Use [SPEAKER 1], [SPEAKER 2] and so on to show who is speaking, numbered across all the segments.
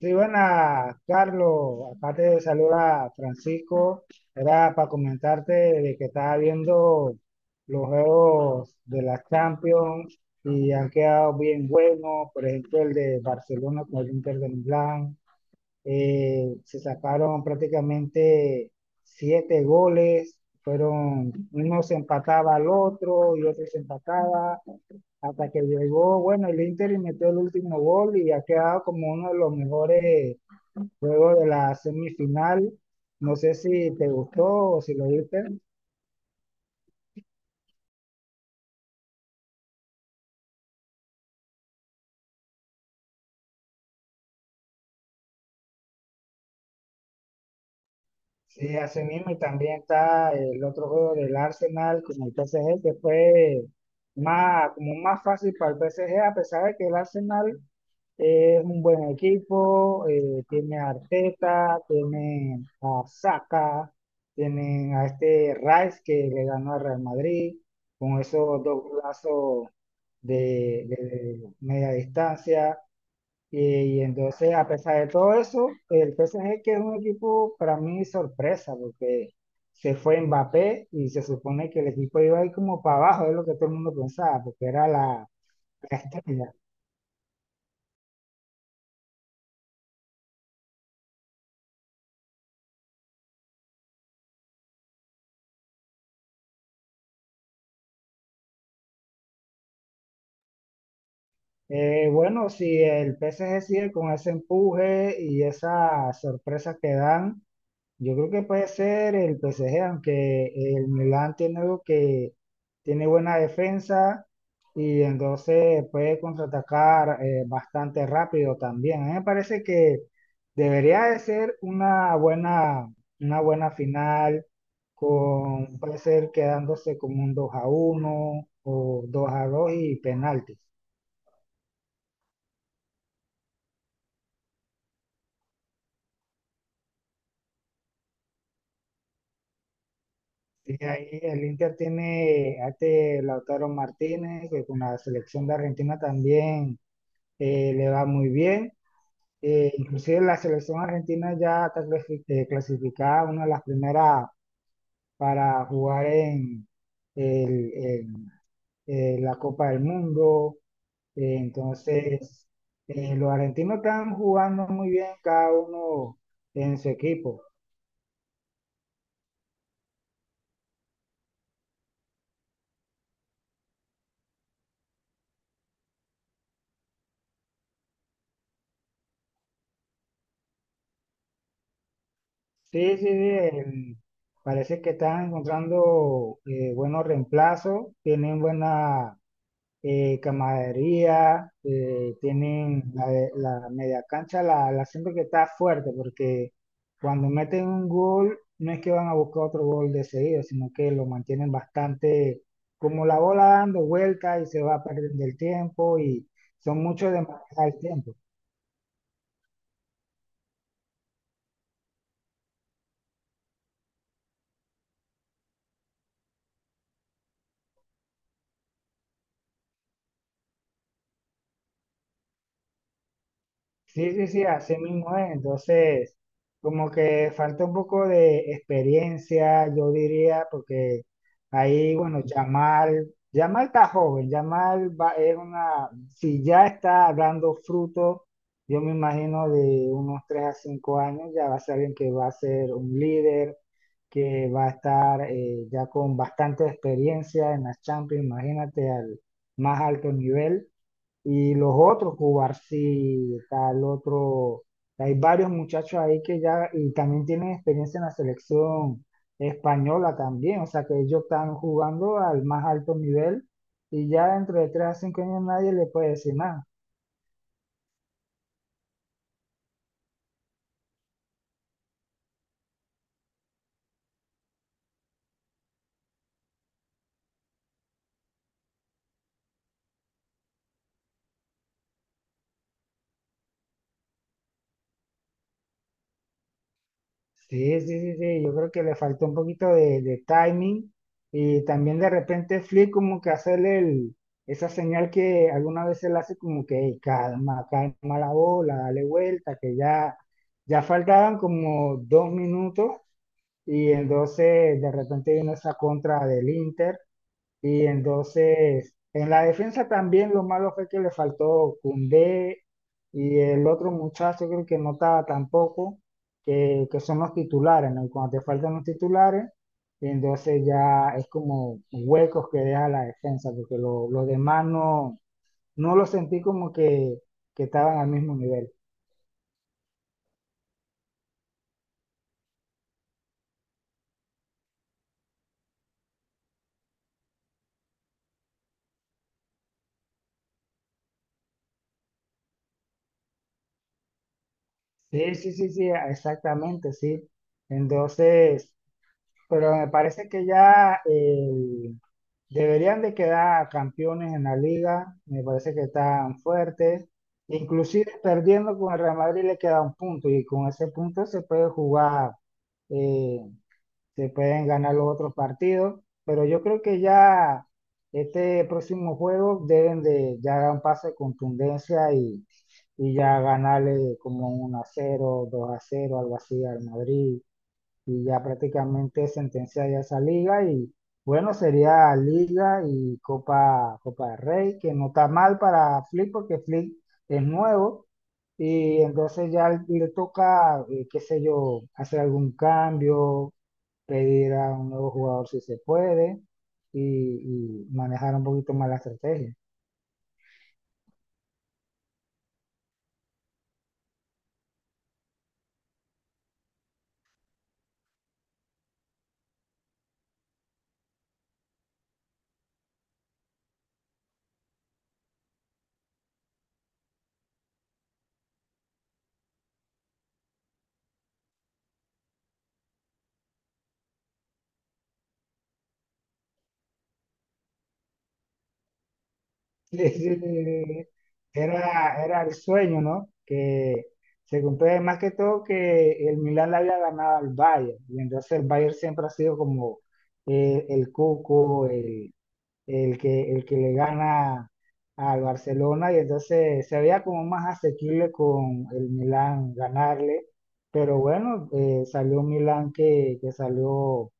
[SPEAKER 1] Sí, buenas, Carlos. Acá te saluda Francisco. Era para comentarte de que estaba viendo los juegos de la Champions y han quedado bien buenos. Por ejemplo, el de Barcelona con el Inter de Milán. Se sacaron prácticamente siete goles. Fueron, uno se empataba al otro y otro se empataba hasta que llegó, bueno, el Inter y metió el último gol y ha quedado como uno de los mejores. Luego de la semifinal, no sé si te gustó o si lo viste. Sí, así mismo. Y también está el otro juego del Arsenal con el PSG, que fue más, como más fácil para el PSG, a pesar de que el Arsenal es un buen equipo, tiene a Arteta, tiene a Saka, tienen a este Rice que le ganó al Real Madrid con esos dos golazos de media distancia. Y, y entonces, a pesar de todo eso, el PSG, que es un equipo para mí sorpresa, porque se fue Mbappé y se supone que el equipo iba a ir como para abajo, es lo que todo el mundo pensaba, porque era la estrella. Bueno, si el PSG sigue con ese empuje y esas sorpresas que dan, yo creo que puede ser el PSG, aunque el Milan tiene algo que tiene buena defensa y entonces puede contraatacar bastante rápido también. A mí me parece que debería de ser una buena final con, puede ser quedándose como un 2 a uno o 2 a 2 y penaltis. Y ahí el Inter tiene a este Lautaro Martínez, que con la selección de Argentina también le va muy bien. Inclusive la selección argentina ya está clasificada, una de las primeras para jugar en en, la Copa del Mundo. Entonces, los argentinos están jugando muy bien cada uno en su equipo. Sí, sí, sí, parece que están encontrando buenos reemplazos, tienen buena, camaradería, tienen la media cancha, la siento que está fuerte porque cuando meten un gol no es que van a buscar otro gol de seguido, sino que lo mantienen bastante como la bola dando vueltas y se va perdiendo el tiempo y son muchos de manejar el tiempo. Sí, sí, sí, así mismo es. Entonces, como que falta un poco de experiencia, yo diría, porque ahí, bueno, Yamal, Yamal está joven, Yamal va, es una, si ya está dando fruto, yo me imagino de unos 3 a 5 años, ya va a ser alguien que va a ser un líder, que va a estar ya con bastante experiencia en las Champions, imagínate al más alto nivel. Y los otros, Cubarsí, tal otro, hay varios muchachos ahí que ya, y también tienen experiencia en la selección española también, o sea que ellos están jugando al más alto nivel y ya dentro de tres a cinco años nadie le puede decir nada. Sí, sí, sí, sí, yo creo que le faltó un poquito de timing y también de repente Flick como que hacerle el, esa señal que alguna vez él hace como que "Ey, calma, calma la bola, dale vuelta, que ya, ya faltaban como dos minutos y entonces de repente vino esa contra del Inter y entonces, en la defensa también lo malo fue que le faltó Koundé y el otro muchacho creo que no estaba tampoco, que son los titulares, ¿no? Y cuando te faltan los titulares, entonces ya es como huecos que deja la defensa, porque los demás no, no lo sentí como que estaban al mismo nivel. Sí, sí, sí, sí, exactamente, sí. Entonces, pero me parece que ya deberían de quedar campeones en la liga, me parece que están fuertes. Inclusive perdiendo con el Real Madrid le queda un punto y con ese punto se puede jugar, eh, se pueden ganar los otros partidos, pero yo creo que ya este próximo juego deben de ya dar un paso de contundencia y ya ganarle como un a cero, dos a cero, algo así al Madrid y ya prácticamente sentencia ya esa liga y bueno, sería Liga y Copa, Copa del Rey, que no está mal para Flick porque Flick es nuevo y entonces ya le toca, qué sé yo, hacer algún cambio, pedir a un nuevo jugador si se puede y manejar un poquito más la estrategia. Sí, sí, era, era el sueño, ¿no? Que se cumple más que todo que el Milan le había ganado al Bayern, y entonces el Bayern siempre ha sido como el cuco, el, el que le gana al Barcelona, y entonces se veía como más asequible con el Milan ganarle, pero bueno, salió un Milan que salió,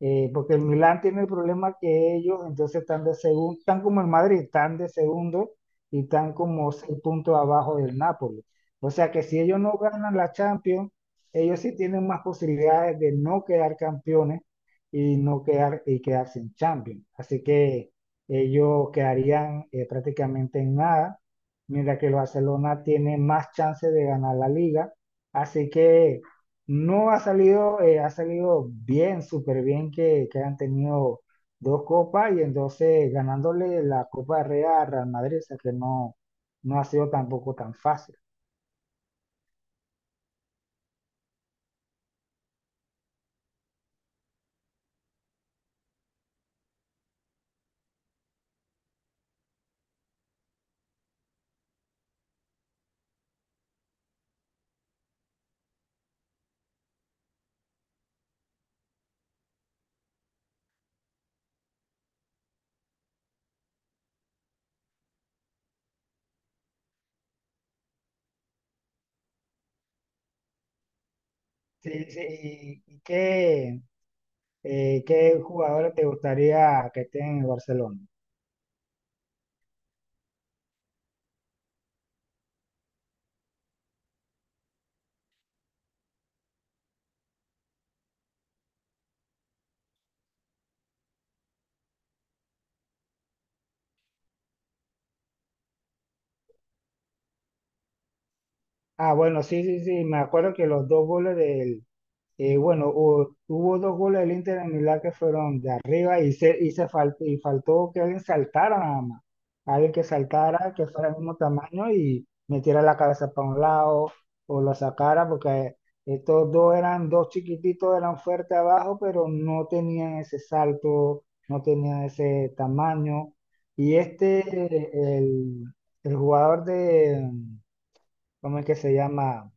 [SPEAKER 1] porque el Milán tiene el problema que ellos entonces están de segundo, están como el Madrid, están de segundo y están como seis puntos abajo del Napoli. O sea que si ellos no ganan la Champions, ellos sí tienen más posibilidades de no quedar campeones y no quedar y quedarse en Champions. Así que ellos quedarían, prácticamente en nada, mientras que el Barcelona tiene más chance de ganar la liga. Así que no ha salido, ha salido bien, súper bien que han tenido dos copas y entonces ganándole la Copa de Rey a Real Madrid, o sea que no, no ha sido tampoco tan fácil. Sí, sí, ¿y qué, qué jugadores te gustaría que estén en el Barcelona? Ah, bueno, sí, sí, sí, me acuerdo que los dos goles del, eh, bueno, hubo dos goles del Inter en Milán que fueron de arriba y, se, y, y faltó que alguien saltara nada más. Alguien que saltara, que fuera del mismo tamaño y metiera la cabeza para un lado o lo sacara, porque estos dos eran dos chiquititos, eran fuertes abajo, pero no tenían ese salto, no tenían ese tamaño. Y este, el, el jugador de, ¿cómo es que se llama?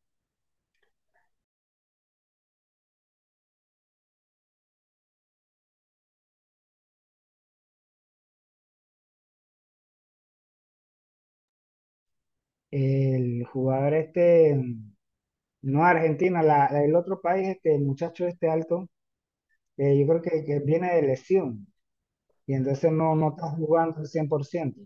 [SPEAKER 1] El jugador este. No, Argentina, el otro país, este, el muchacho este alto, yo creo que viene de lesión y entonces no, no está jugando al 100%.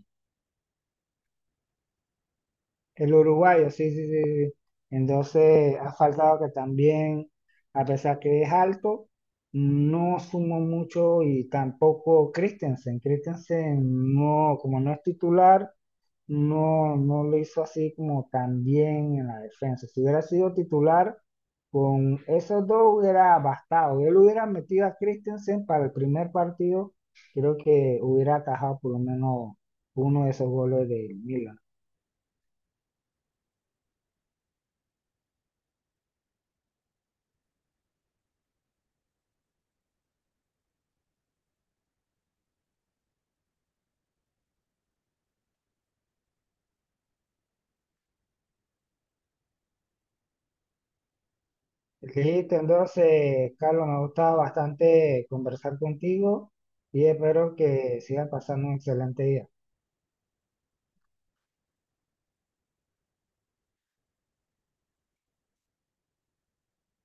[SPEAKER 1] El uruguayo, sí, sí, sí. Sí. Entonces, ha faltado que también, a pesar que es alto, no sumó mucho y tampoco Christensen. Christensen no, como no es titular, no, no lo hizo así como tan bien en la defensa. Si hubiera sido titular, con esos dos hubiera bastado. Él hubiera metido a Christensen para el primer partido, creo que hubiera atajado por lo menos uno de esos goles del Milan. Listo, entonces, Carlos, me ha gustado bastante conversar contigo y espero que sigas pasando un excelente día.